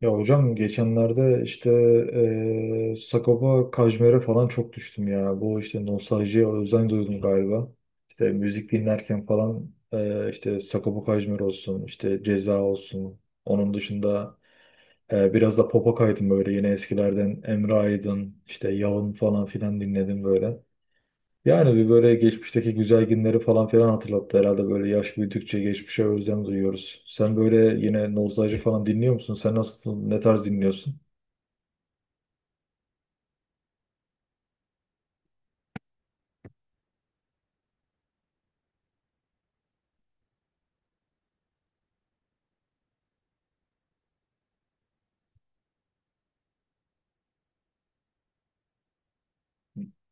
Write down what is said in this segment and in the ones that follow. Ya hocam geçenlerde işte Sagopa Kajmer'e falan çok düştüm ya. Bu işte nostaljiye özlem duydum galiba. İşte müzik dinlerken falan işte Sagopa Kajmer olsun, işte Ceza olsun. Onun dışında biraz da pop'a kaydım böyle, yine eskilerden Emre Aydın, işte Yalın falan filan dinledim böyle. Yani bir böyle geçmişteki güzel günleri falan filan hatırlattı herhalde, böyle yaş büyüdükçe geçmişe özlem duyuyoruz. Sen böyle yine nostalji falan dinliyor musun? Sen nasıl, ne tarz dinliyorsun?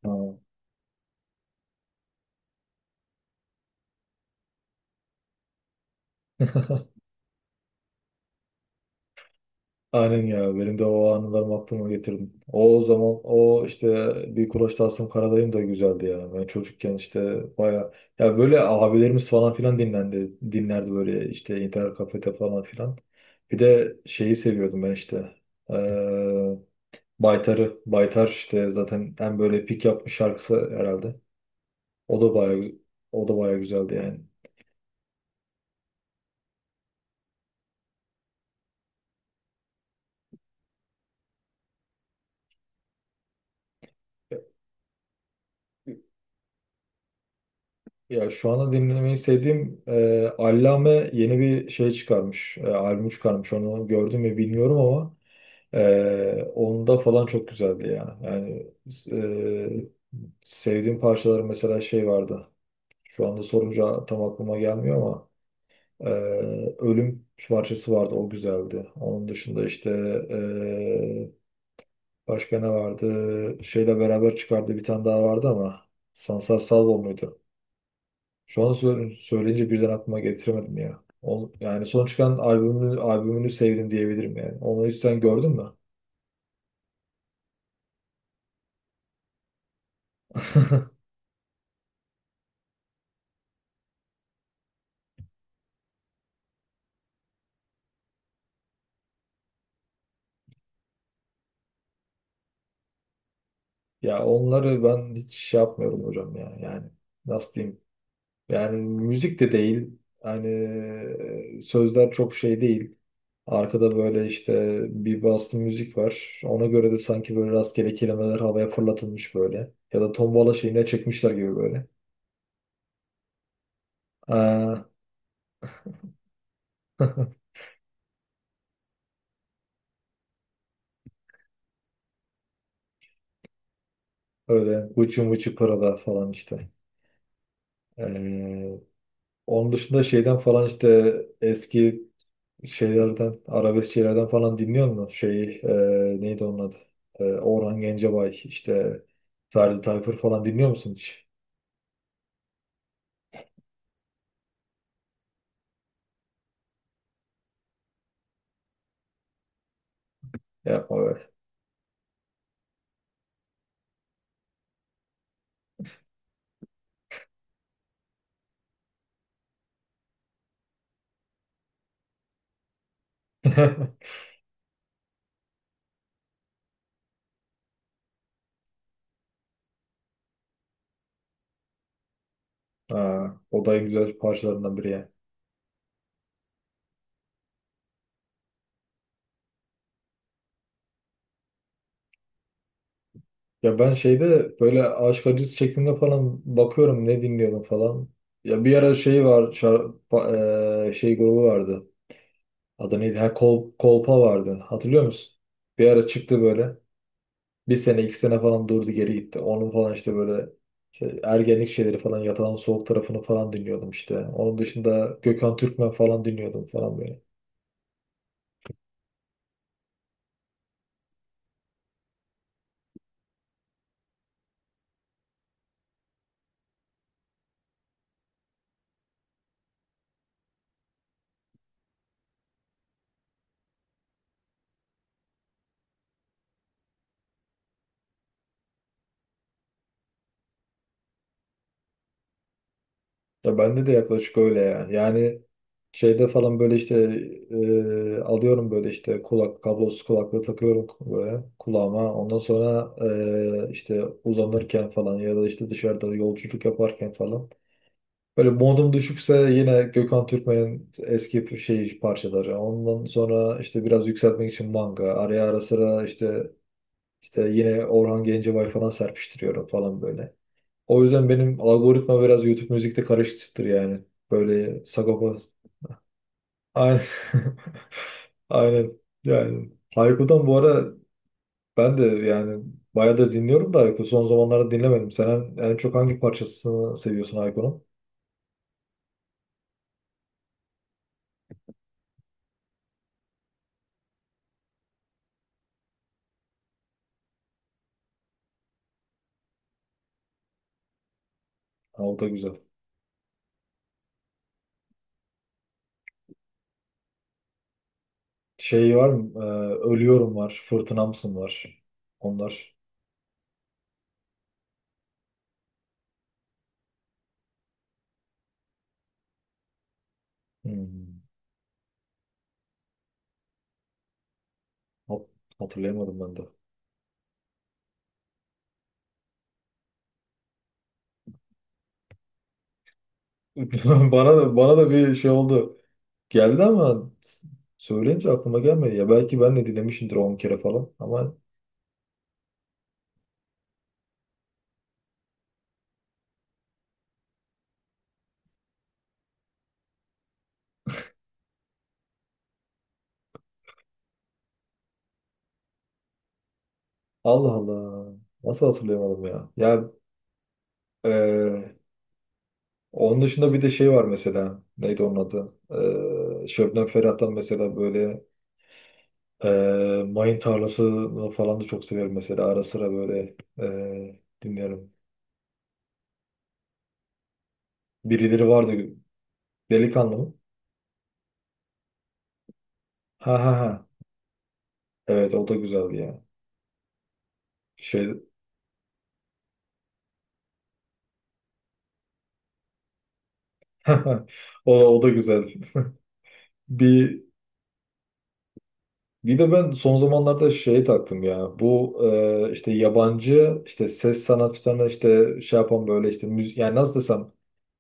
Ha, aynen ya, benim de o anılarımı aklıma getirdim. O zaman, o işte bir Kulaç Tasım Karadayım da güzeldi ya. Ben çocukken işte baya, ya böyle abilerimiz falan filan dinlendi dinlerdi böyle işte internet kafede falan filan. Bir de şeyi seviyordum ben işte. Ee, Baytar'ı. Baytar işte zaten en böyle pik yapmış şarkısı herhalde. O da baya o da baya güzeldi yani. Ya şu anda dinlemeyi sevdiğim, Allame yeni bir şey çıkarmış. Albüm çıkarmış. Onu gördüm mü bilmiyorum ama onda falan çok güzeldi ya. Yani e, sevdiğim parçaları, mesela şey vardı. Şu anda sorunca tam aklıma gelmiyor ama e, Ölüm parçası vardı. O güzeldi. Onun dışında işte e, başka ne vardı? Şeyle beraber çıkardığı bir tane daha vardı ama Sansar Salvo muydu? Şu an söyleyince birden aklıma getiremedim ya. Yani son çıkan albümünü sevdim diyebilirim yani. Onu hiç sen gördün mü? Ya onları ben hiç şey yapmıyorum hocam ya. Yani nasıl diyeyim? Yani müzik de değil. Yani sözler çok şey değil. Arkada böyle işte bir bastı müzik var. Ona göre de sanki böyle rastgele kelimeler havaya fırlatılmış böyle. Ya da tombala şeyine çekmişler gibi böyle. Aa, öyle uçu muçu pırada falan işte. Ee, Onun dışında şeyden falan işte eski şeylerden, arabesk şeylerden falan dinliyor musun? Şey, neydi onun adı? Orhan Gencebay, işte Ferdi Tayfur falan dinliyor musun hiç? Yapma be. Ha, o da en güzel parçalarından biri yani. Ya ben şeyde böyle aşk acısı çektiğimde falan bakıyorum ne dinliyorum falan. Ya bir ara şey var, şey grubu vardı. Adı neydi? Ha, Kolpa vardı. Hatırlıyor musun? Bir ara çıktı böyle. Bir sene iki sene falan durdu, geri gitti. Onun falan işte böyle işte ergenlik şeyleri falan, Yatan Soğuk tarafını falan dinliyordum işte. Onun dışında Gökhan Türkmen falan dinliyordum falan böyle. Ya bende de yaklaşık öyle ya. Yani şeyde falan böyle işte alıyorum, böyle işte kulak kablosuz kulaklığı takıyorum böyle kulağıma. Ondan sonra işte uzanırken falan ya da işte dışarıda yolculuk yaparken falan, böyle modum düşükse yine Gökhan Türkmen'in eski şey parçaları. Ondan sonra işte biraz yükseltmek için manga. Araya ara sıra işte yine Orhan Gencebay falan serpiştiriyorum falan böyle. O yüzden benim algoritma biraz YouTube müzikte karışıktır yani. Böyle sagopa. Aynen. Aynen. Yani Hayko'dan bu ara ben de yani bayağı da dinliyorum da Hayko son zamanlarda dinlemedim. Sen en çok hangi parçasını seviyorsun Hayko'nun? Ha, o da güzel. Şey var mı? Ölüyorum var. Fırtınamsın var. Onlar. Hmm. hat- Hatırlayamadım ben de. Bana da, bir şey oldu. Geldi ama söyleyince aklıma gelmedi ya. Belki ben de dinlemişimdir 10 kere falan. Ama Allah Allah, nasıl hatırlayamadım ya? Ya e, onun dışında bir de şey var mesela. Neydi onun adı? Şebnem Ferah'tan mesela böyle e, Mayın Tarlası falan da çok severim mesela. Ara sıra böyle dinlerim. Birileri vardı. Delikanlı mı? Ha ha ha. Evet, o da güzeldi ya. Şey o, o da güzel. Bir bir de ben son zamanlarda şey taktım ya. Bu işte yabancı işte ses sanatçılarına işte şey yapan böyle işte müzik, yani nasıl desem,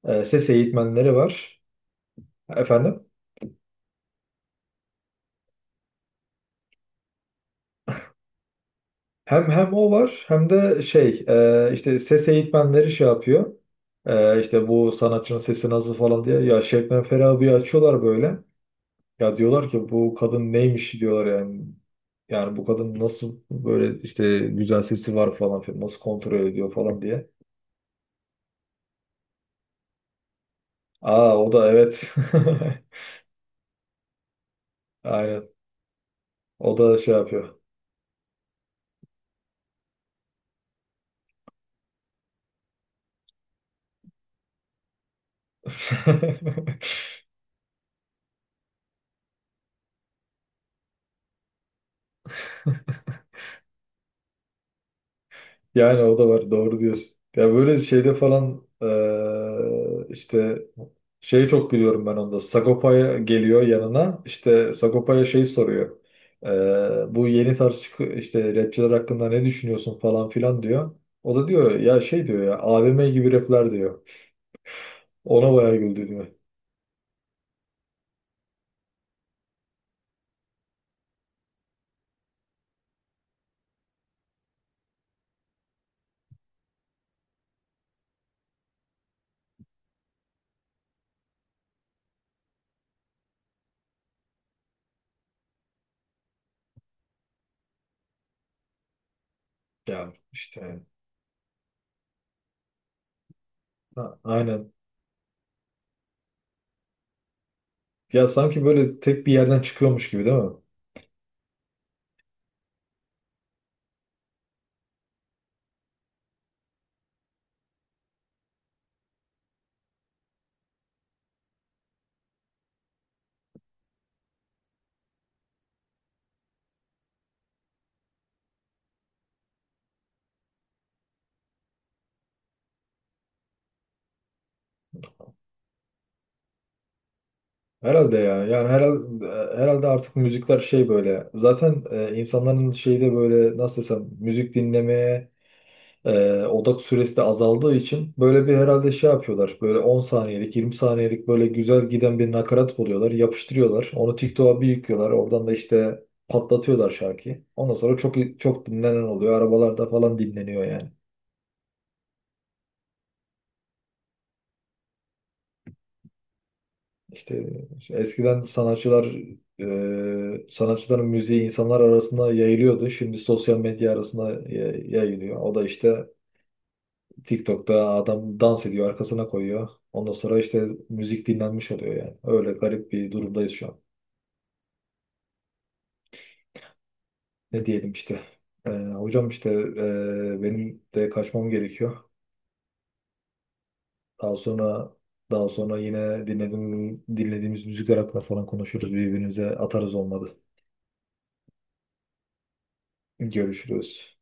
ses eğitmenleri var. Efendim? Hem o var, hem de şey, işte ses eğitmenleri şey yapıyor. İşte bu sanatçının sesi nasıl falan diye ya, Şebnem Ferah'ı bir açıyorlar böyle. Ya diyorlar ki bu kadın neymiş, diyorlar yani. Yani bu kadın nasıl böyle işte güzel sesi var falan filan, nasıl kontrol ediyor falan diye. Aa, o da evet. Aynen. O da şey yapıyor. Yani o da var, doğru diyorsun. Ya böyle şeyde falan işte şeyi çok gülüyorum ben onda. Sagopa'ya geliyor yanına. İşte Sagopa'ya şey soruyor. Bu yeni tarz işte rapçiler hakkında ne düşünüyorsun falan filan diyor. O da diyor ya şey diyor ya, AVM gibi rapler diyor. Ona bayağı güldü diyor. Ya işte, ha, aynen. Ya sanki böyle tek bir yerden çıkıyormuş gibi değil mi? Herhalde ya. Yani herhalde artık müzikler şey böyle. Zaten insanların şeyde böyle nasıl desem müzik dinlemeye odak süresi de azaldığı için böyle bir herhalde şey yapıyorlar. Böyle 10 saniyelik, 20 saniyelik böyle güzel giden bir nakarat buluyorlar. Yapıştırıyorlar. Onu TikTok'a bir yüklüyorlar. Oradan da işte patlatıyorlar şarkıyı. Ondan sonra çok çok dinlenen oluyor. Arabalarda falan dinleniyor yani. İşte, işte, eskiden sanatçılar, sanatçıların müziği insanlar arasında yayılıyordu. Şimdi sosyal medya arasında yayılıyor. O da işte TikTok'ta adam dans ediyor, arkasına koyuyor. Ondan sonra işte müzik dinlenmiş oluyor yani. Öyle garip bir durumdayız şu an. Ne diyelim işte. Hocam işte benim de kaçmam gerekiyor. Daha sonra daha sonra yine dinlediğimiz müzikler hakkında falan konuşuruz. Birbirimize atarız olmadı. Görüşürüz.